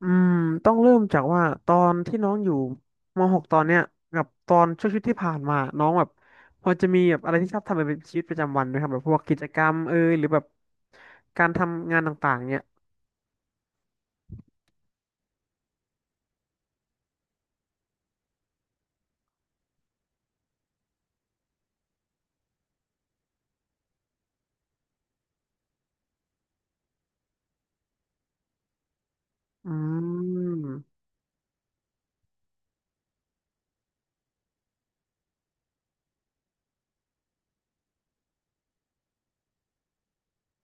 อืมต้องเริ่มจากว่าตอนที่น้องอยู่ม .6 ตอนเนี้ยกับตอนช่วงชีวิตที่ผ่านมาน้องแบบพอจะมีแบบอะไรที่ชอบทำเป็นชีวิตประจำวันไหมครับแบบพวกกิจกรรมเอยหรือแบบการทำงานต่างๆเนี้ยอืม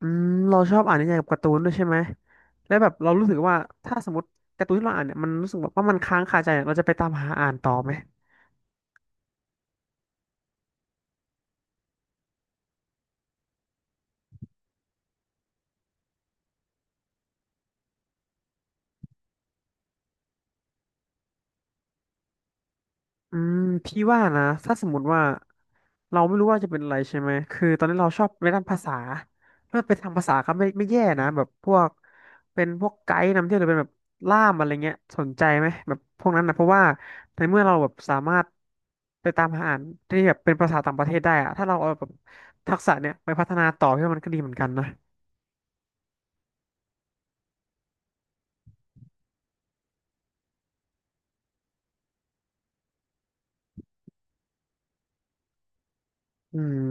อืมเราชอบอ่านนิยายกับการ์ตูนด้วยใช่ไหมแล้วแบบเรารู้สึกว่าถ้าสมมติการ์ตูนที่เราอ่านเนี่ยมันรู้สึกแบบว่ามันค้างคาใจเนี่ยเราจะไปตามหาอ่านต่อไหม อืมพี่ว่านะถ้าสมมติว่าเราไม่รู้ว่าจะเป็นอะไรใช่ไหมคือตอนนี้เราชอบในด้านภาษาถ้าเป็นทางภาษาก็ไม่แย่นะแบบพวกเป็นพวกไกด์นำเที่ยวหรือเป็นแบบล่ามอะไรเงี้ยสนใจไหมแบบพวกนั้นนะเพราะว่าในเมื่อเราแบบสามารถไปตามหาอ่านที่แบบเป็นภาษาต่างประเทศได้อะถ้าเราเอาแบบทักษะเนี่ยไปพัฒนาต่อพี่ว่ามันก็ดีเหมือนกันนะอืม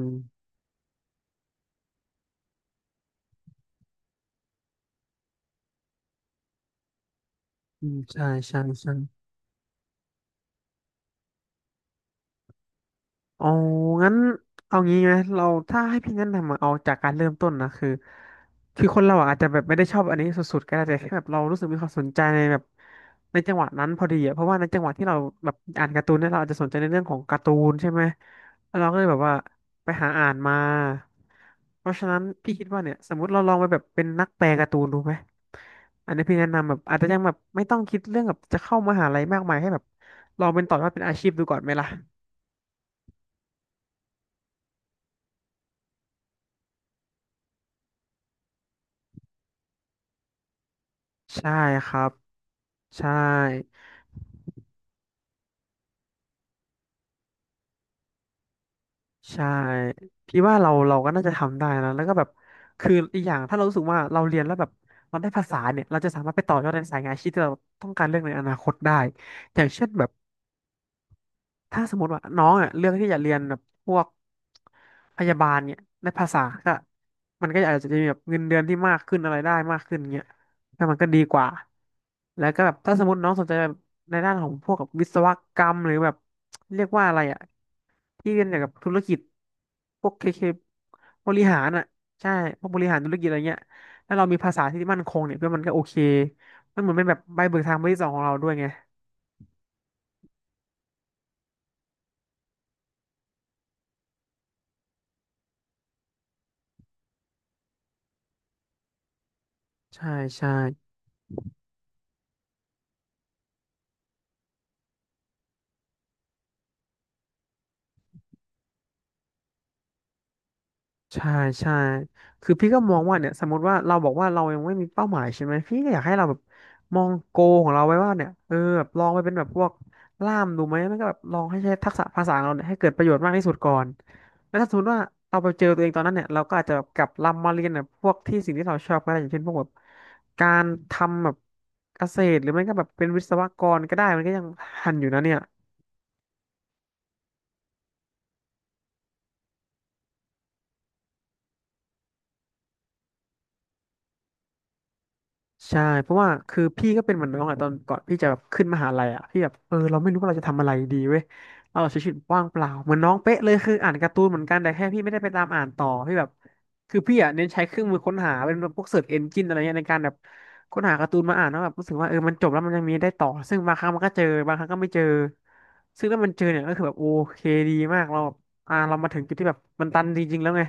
อืมใช่ใช่ใช่ อ๋องั้นเอางี้ไหมเราถ้าให้พี่แนะนำอะเอาจากการเริ่มต้นนะคือคนเราอะอาจจะแบบไม่ได้ชอบอันนี้สุดๆก็ได้แต่แค่แบบเรารู้สึกมีความสนใจในแบบในจังหวะนั้นพอดีอะเพราะว่าในจังหวะที่เราแบบอ่านการ์ตูนเนี่ยเราอาจจะสนใจในเรื่องของการ์ตูนใช่ไหมแล้วเราก็เลยแบบว่าไปหาอ่านมาเพราะฉะนั้นพี่คิดว่าเนี่ยสมมติเราลองไปแบบเป็นนักแปลการ์ตูนดูไหมอันนี้พี่แนะนำแบบอาจจะยังแบบไม่ต้องคิดเรื่องแบบจะเข้ามหาลัยมากมายให้แบบลองเป็นต่อยอดเป็นอาชีพดูก่อนไหมล่ะใช่ครับ ใช่ใช่พี่ว่าเราก็น่าจะทำได้นะแล้วก็แบบคืออีกอย่างถ้าเรารู้สึกว่าเราเรียนแล้วแบบเราได้ภาษาเนี่ยเราจะสามารถไปต่อยอดในสายงานอาชีพที่เราต้องการเรื่องในอนาคตได้อย่างเช่นแบบ ถ้าสมมติว่าน้องอ่ะเลือกที่จะเรียนแบบพวกพยาบาลเนี่ยในภาษาก็มันก็อาจจะมีแบบเงินเดือนที่มากขึ้นอะไรได้มากขึ้นเงี้ยก็มันก็ดีกว่าแล้วก็แบบถ้าสมมติน้องสนใจแบบในด้านของพวกกับวิศวกรรมหรือแบบเรียกว่าอะไรอ่ะที่เรียนเกี่ยวกับธุรกิจพวกเคบริหารอ่ะใช่พวกบริหารธุรกิจอะไรเงี้ยแล้วเรามีภาษาที่มั่นคงเนี่ยเพื่อมันก็โอเคมันเหมือนเป็นแบบใบเบิกทางใบที่สองของเราด้วยไงใช่ใช่ ใช่ใช่คือพี่ก็มองว่าเนี่ยสมมติว่าเราบอกว่าเรายังไม่มีเป้าหมายใช่ไหมพี่ก็อยากให้เราแบบมองโกของเราไว้ว่าเนี่ยเออแบบลองไปเป็นแบบพวกล่ามดูไหมมันก็แบบลองให้ใช้ทักษะภาษาของเราเนี่ยให้เกิดประโยชน์มากที่สุดก่อนแล้วถ้าสมมติว่าเราไปเจอตัวเองตอนนั้นเนี่ยเราก็อาจจะแบบกลับลำมาเรียนแบบพวกที่สิ่งที่เราชอบก็ได้อย่างเช่นพวกแบบการทำแบบเกษตรหรือไม่ก็แบบเป็นวิศวกรก็ได้มันก็ยังทันอยู่นะเนี่ย ใช่เพราะว่าคือพี่ก็เป็นเหมือนน้องอะตอนก่อนพี่จะแบบขึ้นมหาลัยอะพี่แบบเออเราไม่รู้ว่าเราจะทำอะไรดีเว้ยเราใช้ชีวิตว่างเปล่าเหมือนน้องเป๊ะเลยคืออ่านการ์ตูนเหมือนกันแต่แค่พี่ไม่ได้ไปตามอ่านต่อพี่แบบคือพี่อะเน้นใช้เครื่องมือค้นหาเป็นพวกเสิร์ชเอนจินอะไรเงี้ยในการแบบค้นหาการ์ตูนมาอ่านแล้วแบบรู้สึกว่าเออมันจบแล้วมันยังมีได้ต่อซึ่งบางครั้งมันก็เจอบางครั้งก็ไม่เจอซึ่งถ้ามันเจอเนี่ยก็คือแบบโอเคดีมากเราเรามาถึงจุดที่แบบมันตันจริงๆแล้วไง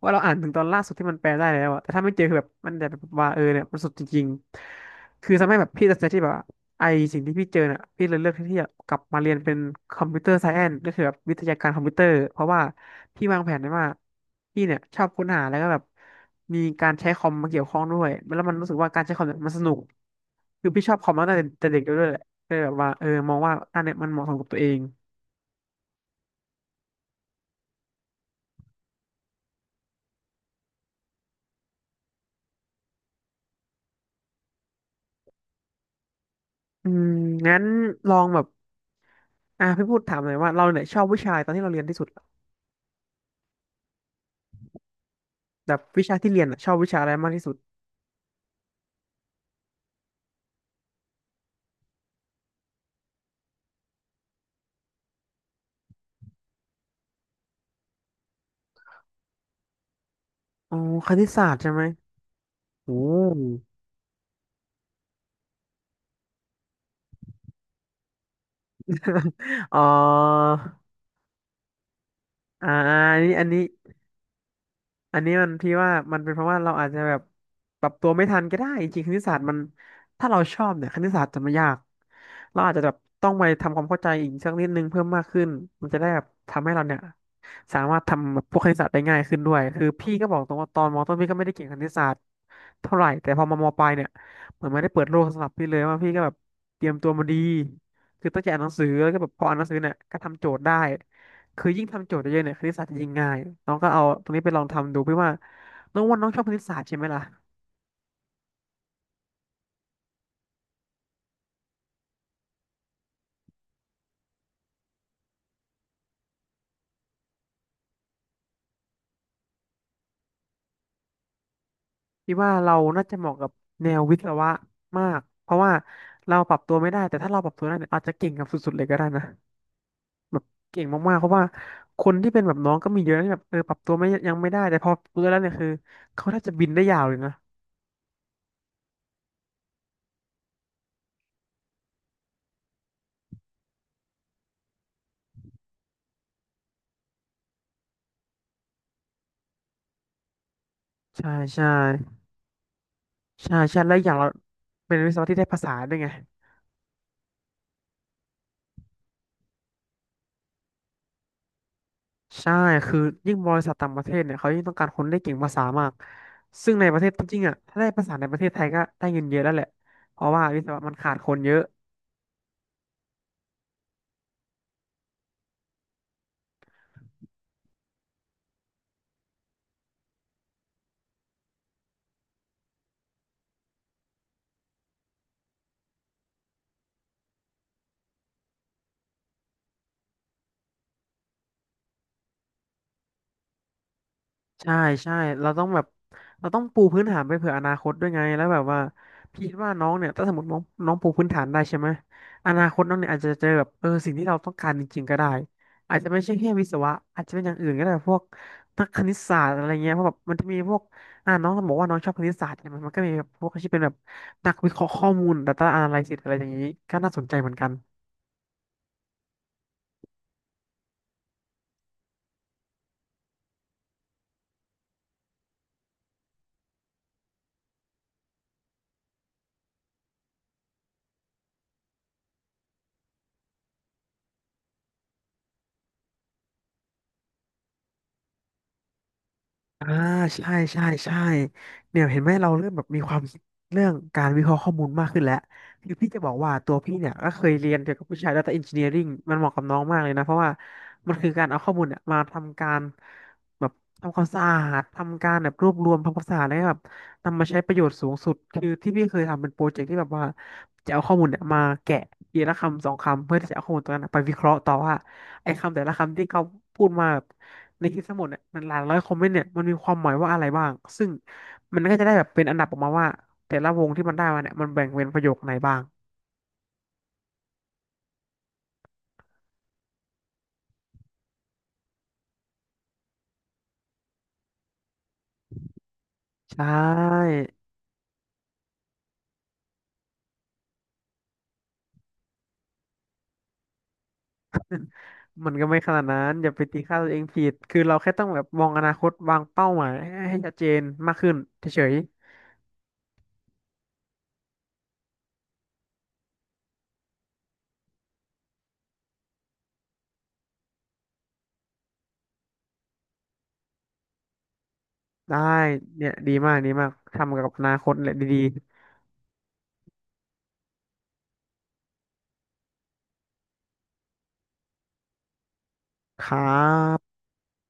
ว่าเราอ่านถึงตอนล่าสุดที่มันแปลได้แล้วอะแต่ถ้าไม่เจอคือแบบมันจะแบบว่าเนี่ยมันสุดจริงๆคือทำให้แบบพี่ตัดสินใจที่แบบว่าไอสิ่งที่พี่เจอเนี่ยพี่เลยเลือกที่จะกลับมาเรียนเป็นคอมพิวเตอร์ไซแอนซ์ก็คือแบบวิทยาการคอมพิวเตอร์เพราะว่าพี่วางแผนไว้ว่าพี่เนี่ยชอบค้นหาแล้วก็แบบมีการใช้คอมมาเกี่ยวข้องด้วยแล้วมันรู้สึกว่าการใช้คอมเนี่ยมันสนุกคือพี่ชอบคอมมาตั้งแต่เด็กด้วยแหละก็เลยแบบว่ามองว่าอันเนี่ยมันเหมาะสมกับตัวเองอืมงั้นลองแบบอ่ะพี่พูดถามหน่อยว่าเราเนี่ยชอบวิชาตอนที่เราเรียนที่สุด แบบวิชาที่เรียนอะชอบวิชาอะไรมากที่สุดอ๋อคณิตศาสตร์ใช่ไหมโอ้ อ๋ออ่า อันนี้อันนี้ อันนี้มันพี่ว่ามันเป็นเพราะว่าเราอาจจะแบบปรับตัวไม่ทันก็ได้จริงๆคณิตศาสตร์มันถ้าเราชอบเนี่ยคณิตศาสตร์จะไม่ยากเราอาจจะแบบต้องไปทำความเข้าใจอีกสักนิดนึงเพิ่มมากขึ้นมันจะได้แบบทำให้เราเนี่ยสามารถทำแบบพวกคณิตศาสตร์ได้ง่ายขึ้นด้วยคือพี่ก็บอกตรงว่าตอนมต้นพี่ก็ไม่ได้เก่งคณิตศาสตร์เท่าไหร่แต่พอมามปลายเนี่ยเหมือนไม่ได้เปิดโลกสำหรับพี่เลยว่าพี่ก็แบบเตรียมตัวมาดีคือตั้งใจอ่านหนังสือแล้วก็แบบพออ่านหนังสือเนี่ยก็ทำโจทย์ได้ คือยิ่งทำโจทย์เยอะๆเนี่ยคณิตศาสตร์จะยิ่งง่ายน้องก็เอาตรงนี้ไปลองทำดูพี่ว่าน้องว่าน้องชอบคณิตศาสตร์ใช่ไหมล่ะพี่ว่าเราน่าจะเหมาะกับแนววิศวะมากเพราะว่าเราปรับตัวไม่ได้แต่ถ้าเราปรับตัวได้เนี่ยอาจจะเก่งกับสุดๆเลยก็ได้นะแบบเก่งมากๆเพราะว่าคนที่เป็นแบบน้องก็มีเยอะนะที่แบบปรับตัวไม่ยังไม่ได้แต่พอเพื่อแล้วเนี่ยคือเขาน่าจะบินได้ยาวเลยนะใช่ใช่ใช่ใช่แล้วอย่างเราเป็นวิศวะที่ได้ภาษาด้วยไง ใช่ คือยิ่งบริษัทต่างประเทศเนี่ยเขายิ่งต้องการคนได้เก่งภาษามาก ซึ่งในประเทศจริงๆอ่ะถ้าได้ภาษาในประเทศไทยก็ได้เงินเยอะแล้วแหละ เพราะว่าวิศวะมันขาดคนเยอะ ใช่ใช่เราต้องแบบเราต้องปูพื้นฐานไปเผื่ออนาคตด้วยไงแล้วแบบว่าพี่คิดว่าน้องเนี่ยถ้าสมมติน้องน้องปูพื้นฐานได้ใช่ไหมอนาคตน้องเนี่ยอาจจะเจอแบบสิ่งที่เราต้องการจริงๆก็ได้อาจจะไม่ใช่แค่วิศวะอาจจะเป็นอย่างอื่นก็ได้พวกนักคณิตศาสตร์อะไรเงี้ยเพราะแบบมันจะมีพวกอ่าน้องบอกว่าน้องชอบคณิตศาสตร์ใช่ไหมมันก็มีแบบพวกที่เป็นแบบนักวิเคราะห์ข้อมูล Data Analysis อะไรอย่างนี้ก็น่าสนใจเหมือนกัน อ่าใช่เนี่ยเห็นไหมเราเริ่มแบบมีความคิดเรื่องการวิเคราะห์ข้อมูลมากขึ้นแล้วคือพี่จะบอกว่าตัวพี่เนี่ยก็เคยเรียนเกี่ยวกับวิชา Data Engineering มันเหมาะกับน้องมากเลยนะเพราะว่ามันคือการเอาข้อมูลเนี่ยมาทำการแบบทำความสะอาดทำการแบบรวบรวมทำความสะอาดแล้วก็แบบนำมาใช้ประโยชน์สูงสุดคือที่พี่เคยทำเป็นโปรเจกต์ที่แบบว่าจะเอาข้อมูลเนี่ยมาแกะทีละคำสองคำเพื่อที่จะเอาข้อมูลตรงนั้นนะไปวิเคราะห์ต่อว่าไอ้คำแต่ละคำที่เขาพูดมา ในคลิปทั้งหมดเนี่ยมันหลายร้อยคอมเมนต์เนี่ยมันมีความหมายว่าอะไรบ้างซึ่งมันก็จะได้แบบเป็นอันดับออกมาว่าแต่ละวงที่มันได้มาเนี่ยมันแบ่งเป็นประโยคไหนบ้างใช่มันก็ไม่ขนาดนั้นอย่าไปตีค่าตัวเองผิดคือเราแค่ต้องแบบมองอนาคตวางเป้าหมายให้ให้ชัดเจนมากขึ้นเฉยๆได้เนี่ยดีมากดีมากทำกับอนาคตแหละดีๆครับ